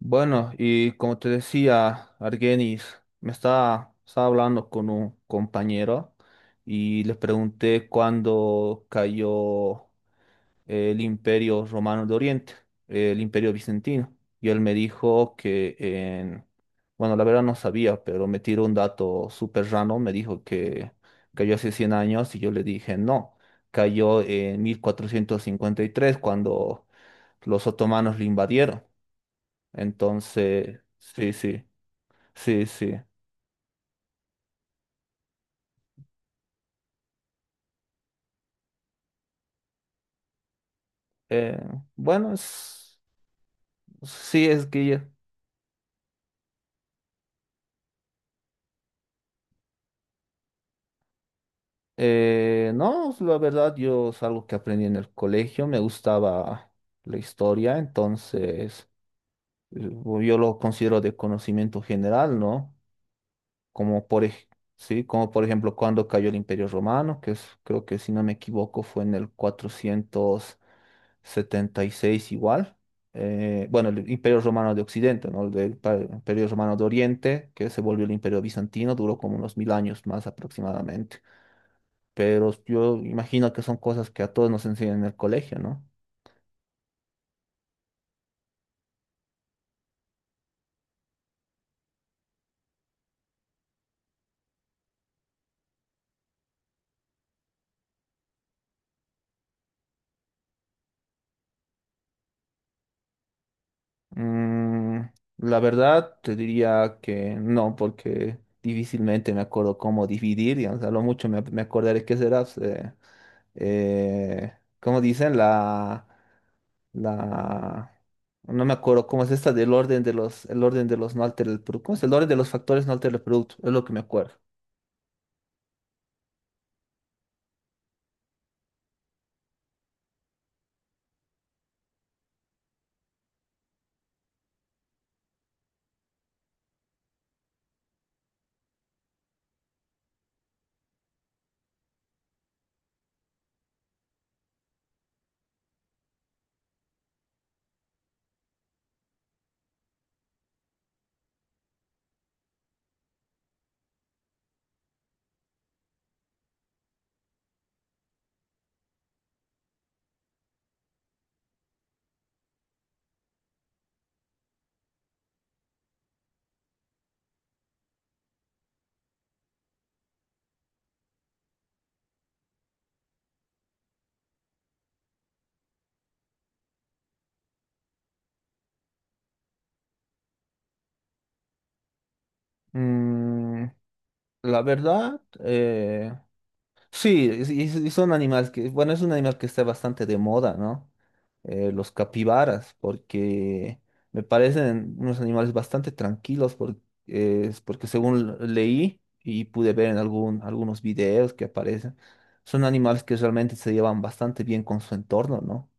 Bueno, y como te decía, Argenis, me estaba hablando con un compañero y le pregunté cuándo cayó el Imperio Romano de Oriente, el Imperio Bizantino. Y él me dijo que bueno, la verdad no sabía, pero me tiró un dato súper raro. Me dijo que cayó hace 100 años y yo le dije no, cayó en 1453 cuando los otomanos lo invadieron. Entonces, sí, sí, sí, sí. Eh, bueno, sí es que no, la verdad yo es algo que aprendí en el colegio, me gustaba la historia, entonces eh, yo lo considero de conocimiento general, ¿no? Como por, ej- sí, como por ejemplo cuando cayó el Imperio Romano, que es, creo que si no me equivoco fue en el 476 igual. Bueno, el Imperio Romano de Occidente, ¿no? Imperio Romano de Oriente, que se volvió el Imperio Bizantino, duró como unos 1000 años más aproximadamente. Pero yo imagino que son cosas que a todos nos enseñan en el colegio, ¿no? Mm, la verdad, te diría que no, porque difícilmente me acuerdo cómo dividir, y a lo mucho me acordaré que será, eh, ¿cómo dicen? La, no me acuerdo cómo es esta del orden de los, el orden de los no altera el producto, ¿cómo es el orden de los factores no altera el producto? Es lo que me acuerdo. Mm, la verdad, sí, y son animales que, bueno, es un animal que está bastante de moda, ¿no? Los capibaras, porque me parecen unos animales bastante tranquilos, es porque según leí y pude ver en algunos videos que aparecen, son animales que realmente se llevan bastante bien con su entorno, ¿no?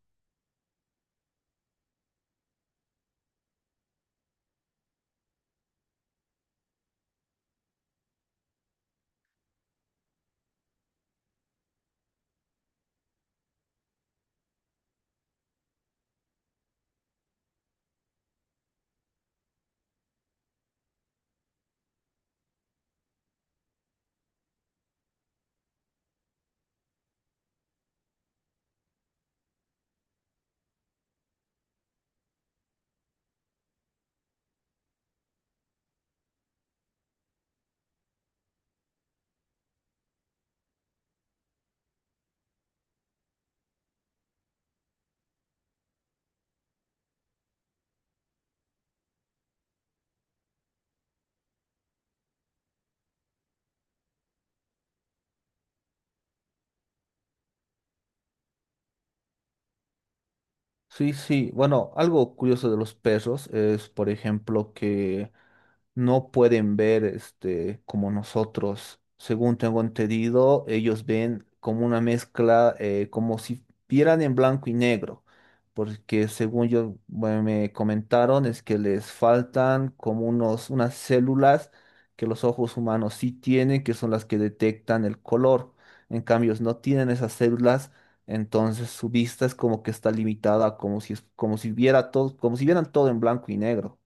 Sí, sí, bueno, algo curioso de los perros es, por ejemplo, que no pueden ver este como nosotros. Según tengo entendido, ellos ven como una mezcla, como si vieran en blanco y negro, porque según yo bueno, me comentaron es que les faltan como unos unas células que los ojos humanos sí tienen, que son las que detectan el color. En cambio, no tienen esas células. Entonces su vista es como que está limitada, como si viera todo, como si vieran todo en blanco y negro.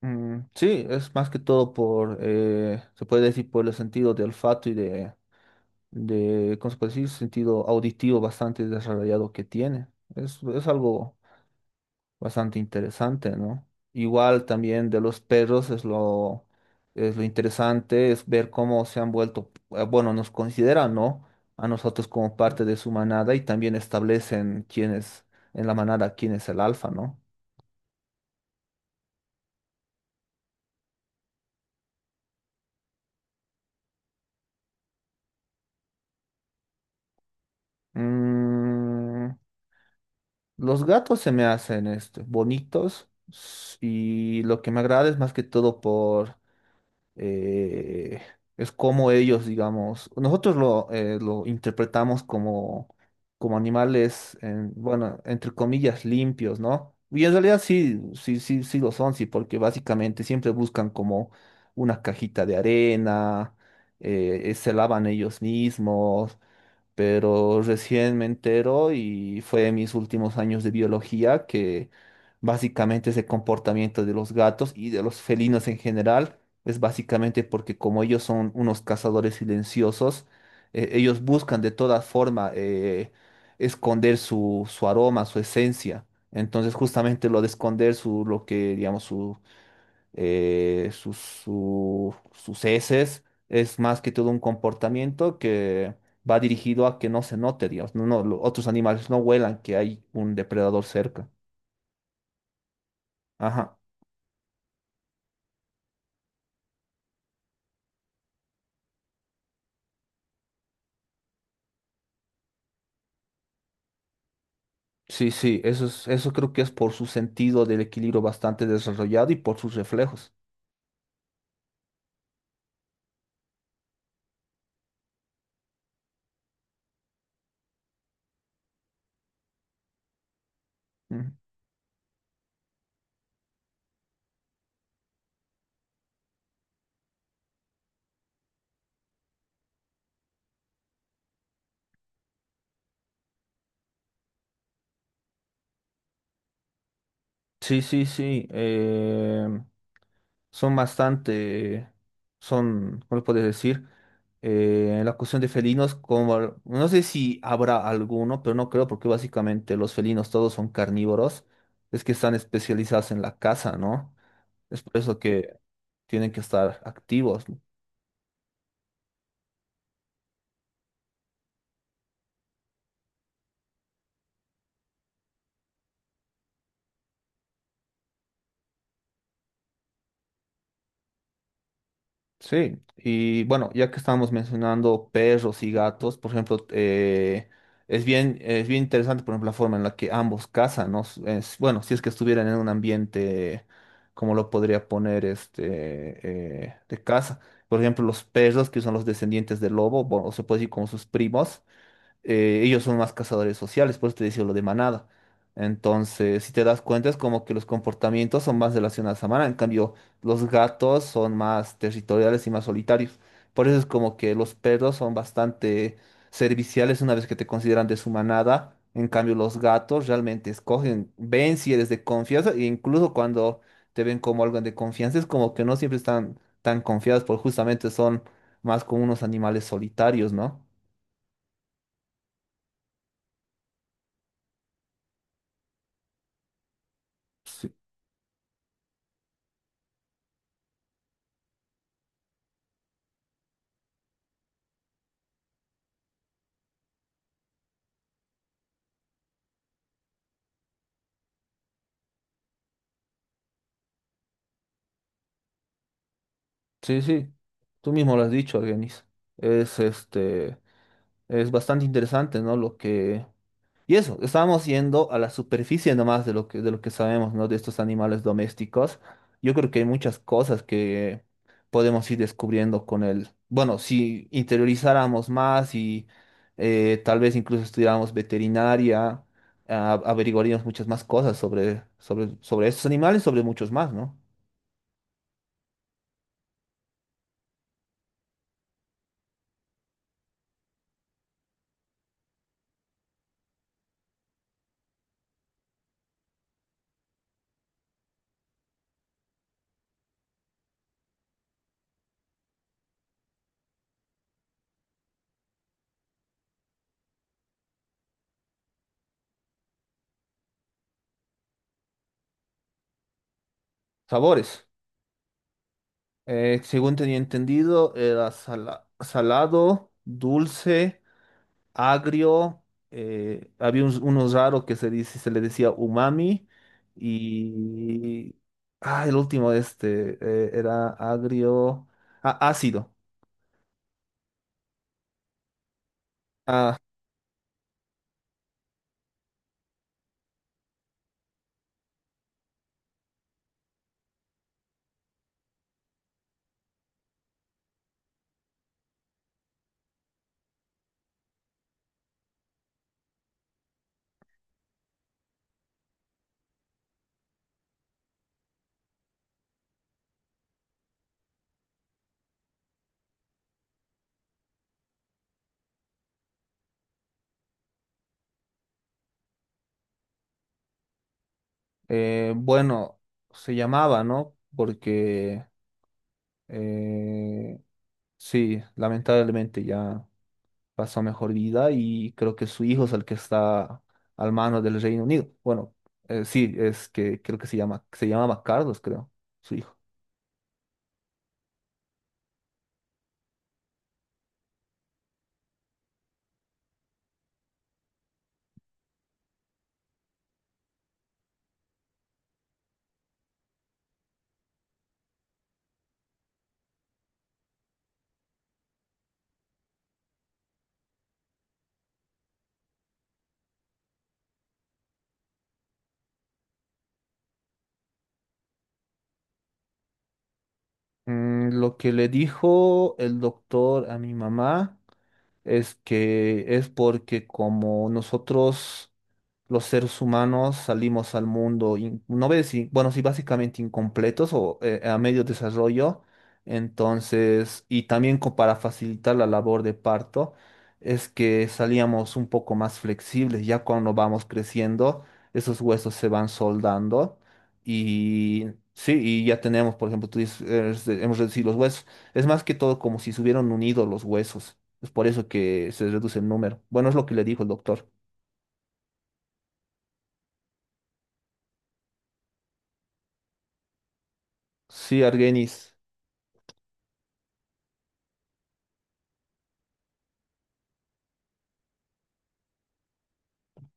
Mm, sí, es más que todo por, se puede decir por el sentido de olfato de, ¿cómo se puede decir? Sentido auditivo bastante desarrollado que tiene. Es algo bastante interesante, ¿no? Igual también de los perros es lo interesante, es ver cómo se han vuelto, bueno, nos consideran, ¿no? A nosotros como parte de su manada y también establecen quién es en la manada, quién es el alfa, ¿no? Mm, los gatos se me hacen este, bonitos y lo que me agrada es más que todo por... eh, es como ellos, digamos, nosotros lo interpretamos como, como animales, bueno, entre comillas, limpios, ¿no? Y en realidad sí, sí, sí, sí lo son, sí, porque básicamente siempre buscan como una cajita de arena, se lavan ellos mismos, pero recién me entero y fue en mis últimos años de biología que básicamente ese comportamiento de los gatos y de los felinos en general es básicamente porque como ellos son unos cazadores silenciosos, ellos buscan de todas formas esconder su aroma, su esencia. Entonces justamente lo de esconder su, lo que, digamos, su sus heces, es más que todo un comportamiento que va dirigido a que no se note, digamos, otros animales no huelan que hay un depredador cerca. Ajá. Sí, sí, eso es, eso creo que es por su sentido del equilibrio bastante desarrollado y por sus reflejos. Ujú. Sí, sí, sí, son bastante, son, ¿cómo lo puedes decir? En la cuestión de felinos, como, no sé si habrá alguno, pero no creo, porque básicamente los felinos todos son carnívoros, es que están especializados en la caza, ¿no? Es por eso que tienen que estar activos. Sí, y bueno, ya que estábamos mencionando perros y gatos, por ejemplo, es bien interesante, por ejemplo, la forma en la que ambos cazan, ¿no? Bueno, si es que estuvieran en un ambiente, como lo podría poner este, de caza. Por ejemplo, los perros, que son los descendientes del lobo, bueno, o se puede decir como sus primos, ellos son más cazadores sociales, por eso te decía lo de manada. Entonces, si te das cuenta, es como que los comportamientos son más relacionados a manada. En cambio, los gatos son más territoriales y más solitarios. Por eso es como que los perros son bastante serviciales una vez que te consideran de su manada. En cambio, los gatos realmente escogen, ven si eres de confianza, e incluso cuando te ven como alguien de confianza, es como que no siempre están tan confiados, porque justamente son más como unos animales solitarios, ¿no? Sí. Sí, sí, tú mismo lo has dicho, Argenis. Es este, es bastante interesante, ¿no? Lo que. Y eso, estábamos yendo a la superficie nomás de lo que sabemos, ¿no? De estos animales domésticos. Yo creo que hay muchas cosas que podemos ir descubriendo con el. Bueno, si interiorizáramos más y tal vez incluso estudiáramos veterinaria, averiguaríamos muchas más cosas sobre estos animales, sobre muchos más, ¿no? Sabores. Según tenía entendido, era salado, dulce, agrio. Había unos, unos raros que se dice, se le decía umami. Y. Ah, el último, este, era agrio. Ah, ácido. Ah, bueno, se llamaba, ¿no? Porque. eh, sí, lamentablemente ya pasó mejor vida y creo que su hijo es el que está al mano del Reino Unido. Bueno, sí, es que creo que se llama, se llamaba Carlos, creo, su hijo. Mm, lo que le dijo el doctor a mi mamá es que es porque como nosotros los seres humanos salimos al mundo, no ves si, bueno, sí, básicamente incompletos o a medio desarrollo, entonces, y también para facilitar la labor de parto, es que salíamos un poco más flexibles. Ya cuando vamos creciendo, esos huesos se van soldando y... Sí, y ya tenemos, por ejemplo, tú dices, este, hemos reducido los huesos. Es más que todo como si se hubieran unido los huesos. Es por eso que se reduce el número. Bueno, es lo que le dijo el doctor. Sí, Argenis.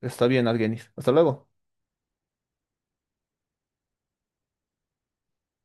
Está bien, Argenis. Hasta luego.